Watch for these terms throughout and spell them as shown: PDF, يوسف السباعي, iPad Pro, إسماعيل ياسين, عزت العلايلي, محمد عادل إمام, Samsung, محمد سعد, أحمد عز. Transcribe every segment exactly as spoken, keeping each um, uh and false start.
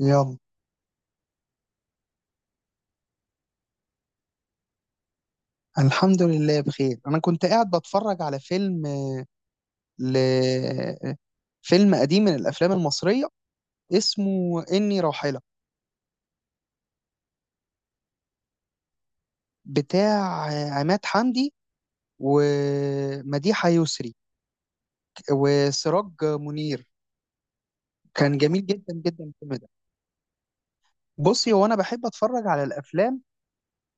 يلا، الحمد لله بخير. انا كنت قاعد بتفرج على فيلم ل... فيلم قديم من الافلام المصريه، اسمه اني راحله، بتاع عماد حمدي ومديحه يسري وسراج منير. كان جميل جدا جدا الفيلم ده. بصي، هو انا بحب اتفرج على الافلام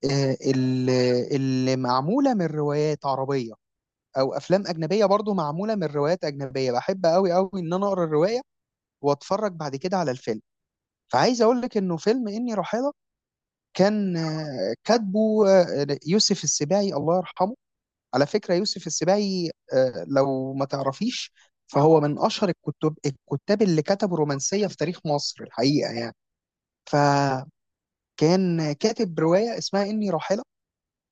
آه، اللي اللي معموله من روايات عربيه، او افلام اجنبيه برضو معموله من روايات اجنبيه. بحب قوي قوي ان انا اقرا الروايه واتفرج بعد كده على الفيلم. فعايز اقول لك انه فيلم اني راحله كان آه، كاتبه آه، يوسف السباعي الله يرحمه. على فكره، يوسف السباعي آه، لو ما تعرفيش، فهو من اشهر الكتب، الكتاب اللي كتبوا رومانسيه في تاريخ مصر الحقيقه يعني. فكان كاتب روايه اسمها اني راحله.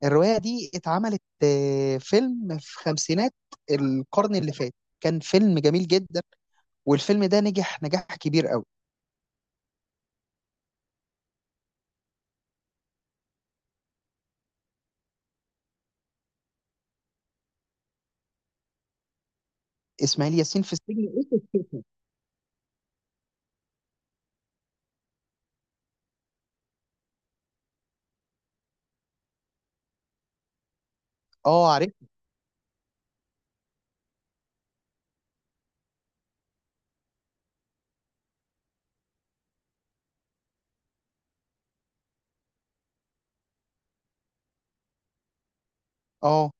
الروايه دي اتعملت آه، فيلم في خمسينات القرن اللي فات. كان فيلم جميل جدا، والفيلم ده نجح نجاح كبير قوي. اسماعيل ياسين في السجن. اه، عارف. اه،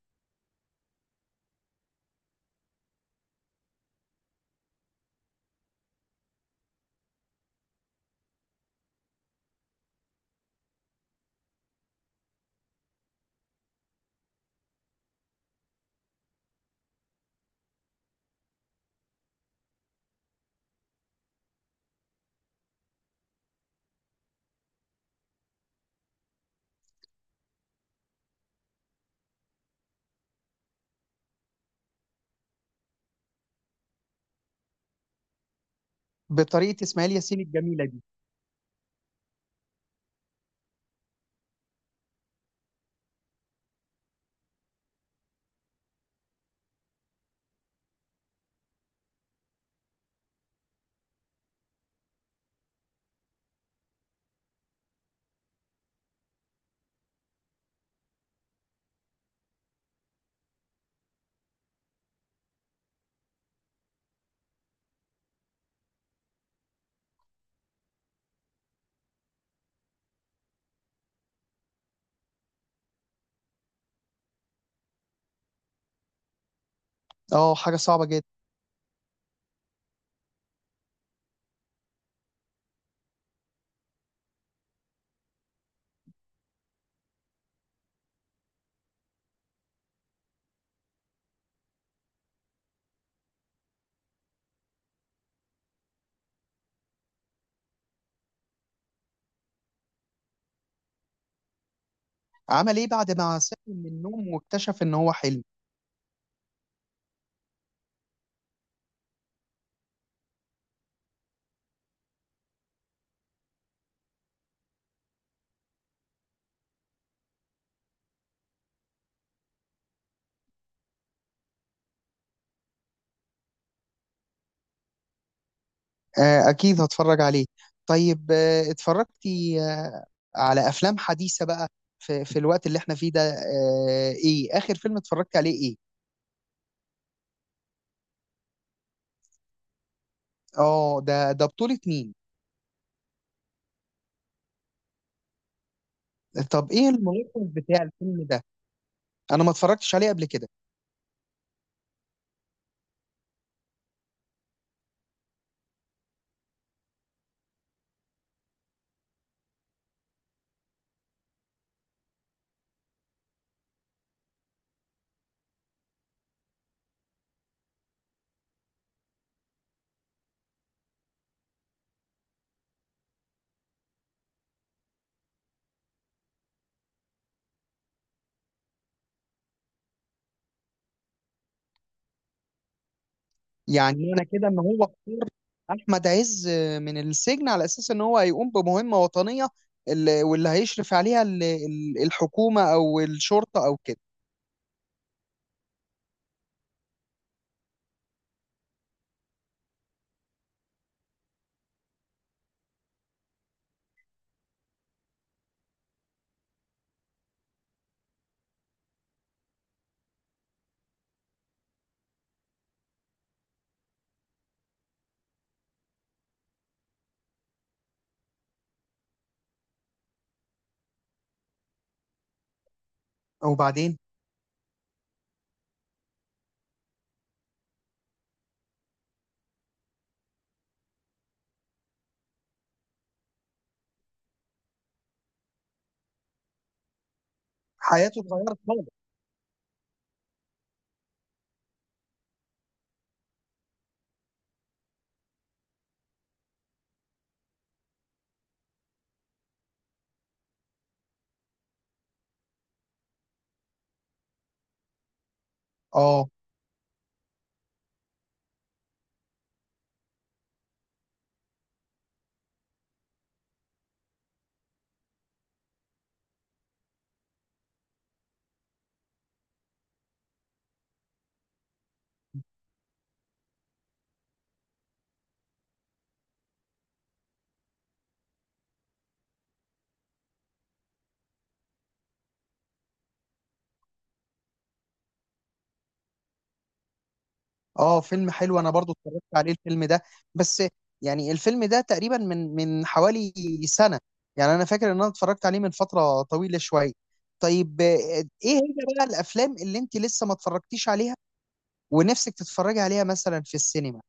بطريقه اسماعيل ياسين الجميله دي. اه، حاجه صعبه جدا. عمل ايه بعد ما صحي من النوم واكتشف ان هو حلم؟ آه، اكيد هتفرج عليه. طيب آه، اتفرجتي آه، على افلام حديثه بقى في, في الوقت اللي احنا فيه ده؟ آه، ايه اخر فيلم اتفرجت عليه، ايه؟ اه، ده ده بطوله مين؟ طب ايه الملخص بتاع الفيلم ده؟ انا ما اتفرجتش عليه قبل كده. يعني معنى كده ان هو اختار احمد عز من السجن على اساس ان هو هيقوم بمهمه وطنيه، اللي واللي هيشرف عليها ال- ال- الحكومه او الشرطه او كده. وبعدين حياته اتغيرت خالص. اه اه، فيلم حلو. انا برضو اتفرجت عليه الفيلم ده، بس يعني الفيلم ده تقريبا من من حوالي سنه. يعني انا فاكر ان انا اتفرجت عليه من فتره طويله شويه. طيب آه، ايه هي بقى الافلام اللي انت لسه ما اتفرجتيش عليها ونفسك تتفرجي عليها مثلا في السينما؟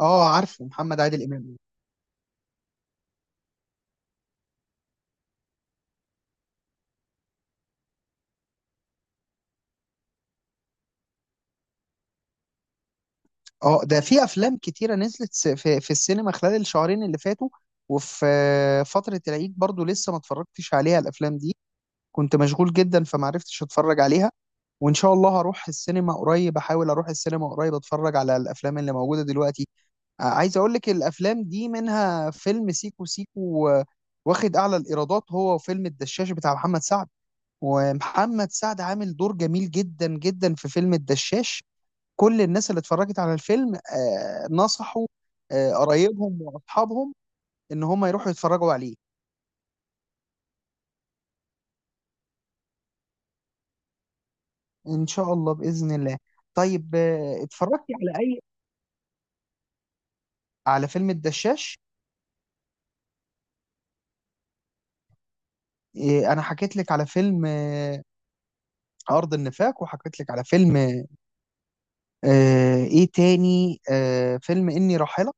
اه، عارفه محمد عادل امام. اه، ده في افلام كتيره نزلت س- في في السينما خلال الشهرين اللي فاتوا، وفي آه، فتره العيد برضو لسه ما اتفرجتش عليها الافلام دي. كنت مشغول جدا فما عرفتش اتفرج عليها. وان شاء الله هروح السينما قريب، احاول اروح السينما قريب اتفرج على الافلام اللي موجوده دلوقتي. آه، عايز اقول لك الافلام دي منها فيلم سيكو سيكو، آه، واخد اعلى الايرادات هو وفيلم الدشاش بتاع محمد سعد. ومحمد سعد عامل دور جميل جدا جدا في فيلم الدشاش. كل الناس اللي اتفرجت على الفيلم آه، نصحوا آه، قرايبهم واصحابهم ان هم يروحوا يتفرجوا عليه. ان شاء الله باذن الله. طيب آه، اتفرجتي على اي؟ على فيلم الدشاش. آه، انا حكيت لك على فيلم آه، ارض النفاق، وحكيت لك على فيلم آه، ايه تاني، آه، فيلم اني راحله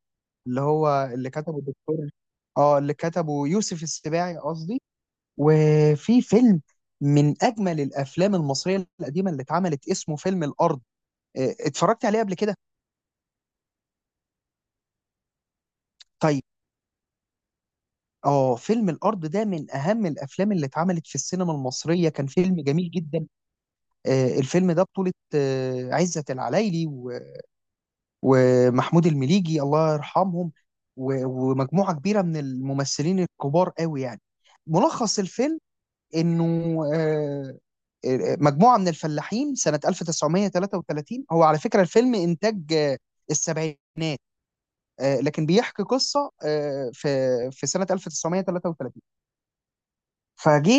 اللي هو اللي كتبه الدكتور، اه، اللي كتبه يوسف السباعي قصدي. وفي فيلم من اجمل الافلام المصريه القديمه اللي اتعملت، اسمه فيلم الارض. آه، اتفرجت عليه قبل كده؟ طيب، اه فيلم الارض ده من اهم الافلام اللي اتعملت في السينما المصريه. كان فيلم جميل جدا. آه، الفيلم ده بطوله آه، عزت العلايلي و- ومحمود المليجي الله يرحمهم، و- ومجموعه كبيره من الممثلين الكبار قوي يعني. ملخص الفيلم انه آه، آه، مجموعه من الفلاحين سنه ألف وتسعمية وتلاتة وتلاتين. هو على فكره الفيلم انتاج آه، السبعينات، آه، لكن بيحكي قصه آه، في في سنه ألف وتسعمية وتلاتة وتلاتين. فجه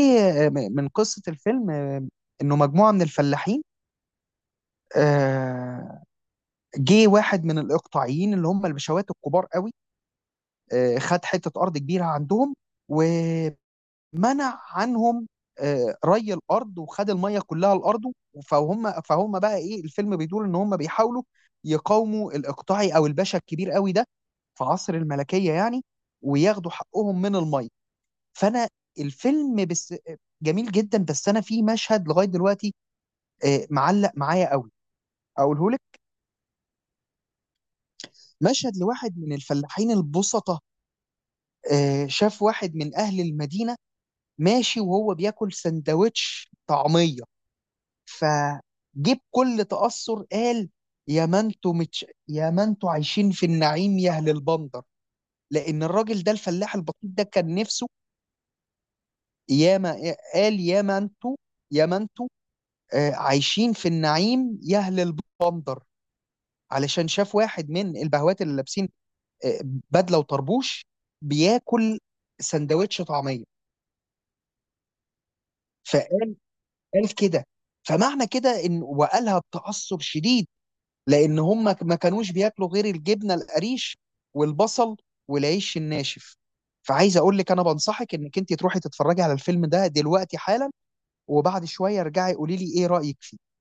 آه، م- من قصه الفيلم، آه، انه مجموعه من الفلاحين، آه، جه واحد من الاقطاعيين اللي هم البشوات الكبار قوي، آه، خد حته ارض كبيره عندهم، ومنع عنهم آه، ري الارض، وخد الميه كلها لارضه. فهم فهم بقى ايه، الفيلم بيدور ان هم بيحاولوا يقاوموا الاقطاعي او الباشا الكبير قوي ده في عصر الملكيه يعني، وياخدوا حقهم من الميه. فانا الفيلم بس جميل جدا، بس انا في مشهد لغايه دلوقتي آه، معلق معايا قوي، اقوله لك. مشهد لواحد من الفلاحين البسطة، آه، شاف واحد من اهل المدينه ماشي وهو بياكل سندوتش طعميه. فجيب كل تاثر قال: يا ما انتوا متش... يا ما انتوا عايشين في النعيم يا اهل البندر. لان الراجل ده الفلاح البسيط ده كان نفسه. ياما قال: يا ما انتوا يا ما انتوا آه، عايشين في النعيم يهل البندر، علشان شاف واحد من البهوات اللي لابسين آه، بدله وطربوش بياكل سندوتش طعميه. فقال قال كده. فمعنى كده ان، وقالها بتعصب شديد، لان هم ما كانوش بياكلوا غير الجبنه القريش والبصل والعيش الناشف. فعايز اقول لك انا بنصحك انك انت تروحي تتفرجي على الفيلم ده دلوقتي حالا، وبعد شويه ارجعي قولي لي ايه رايك فيه.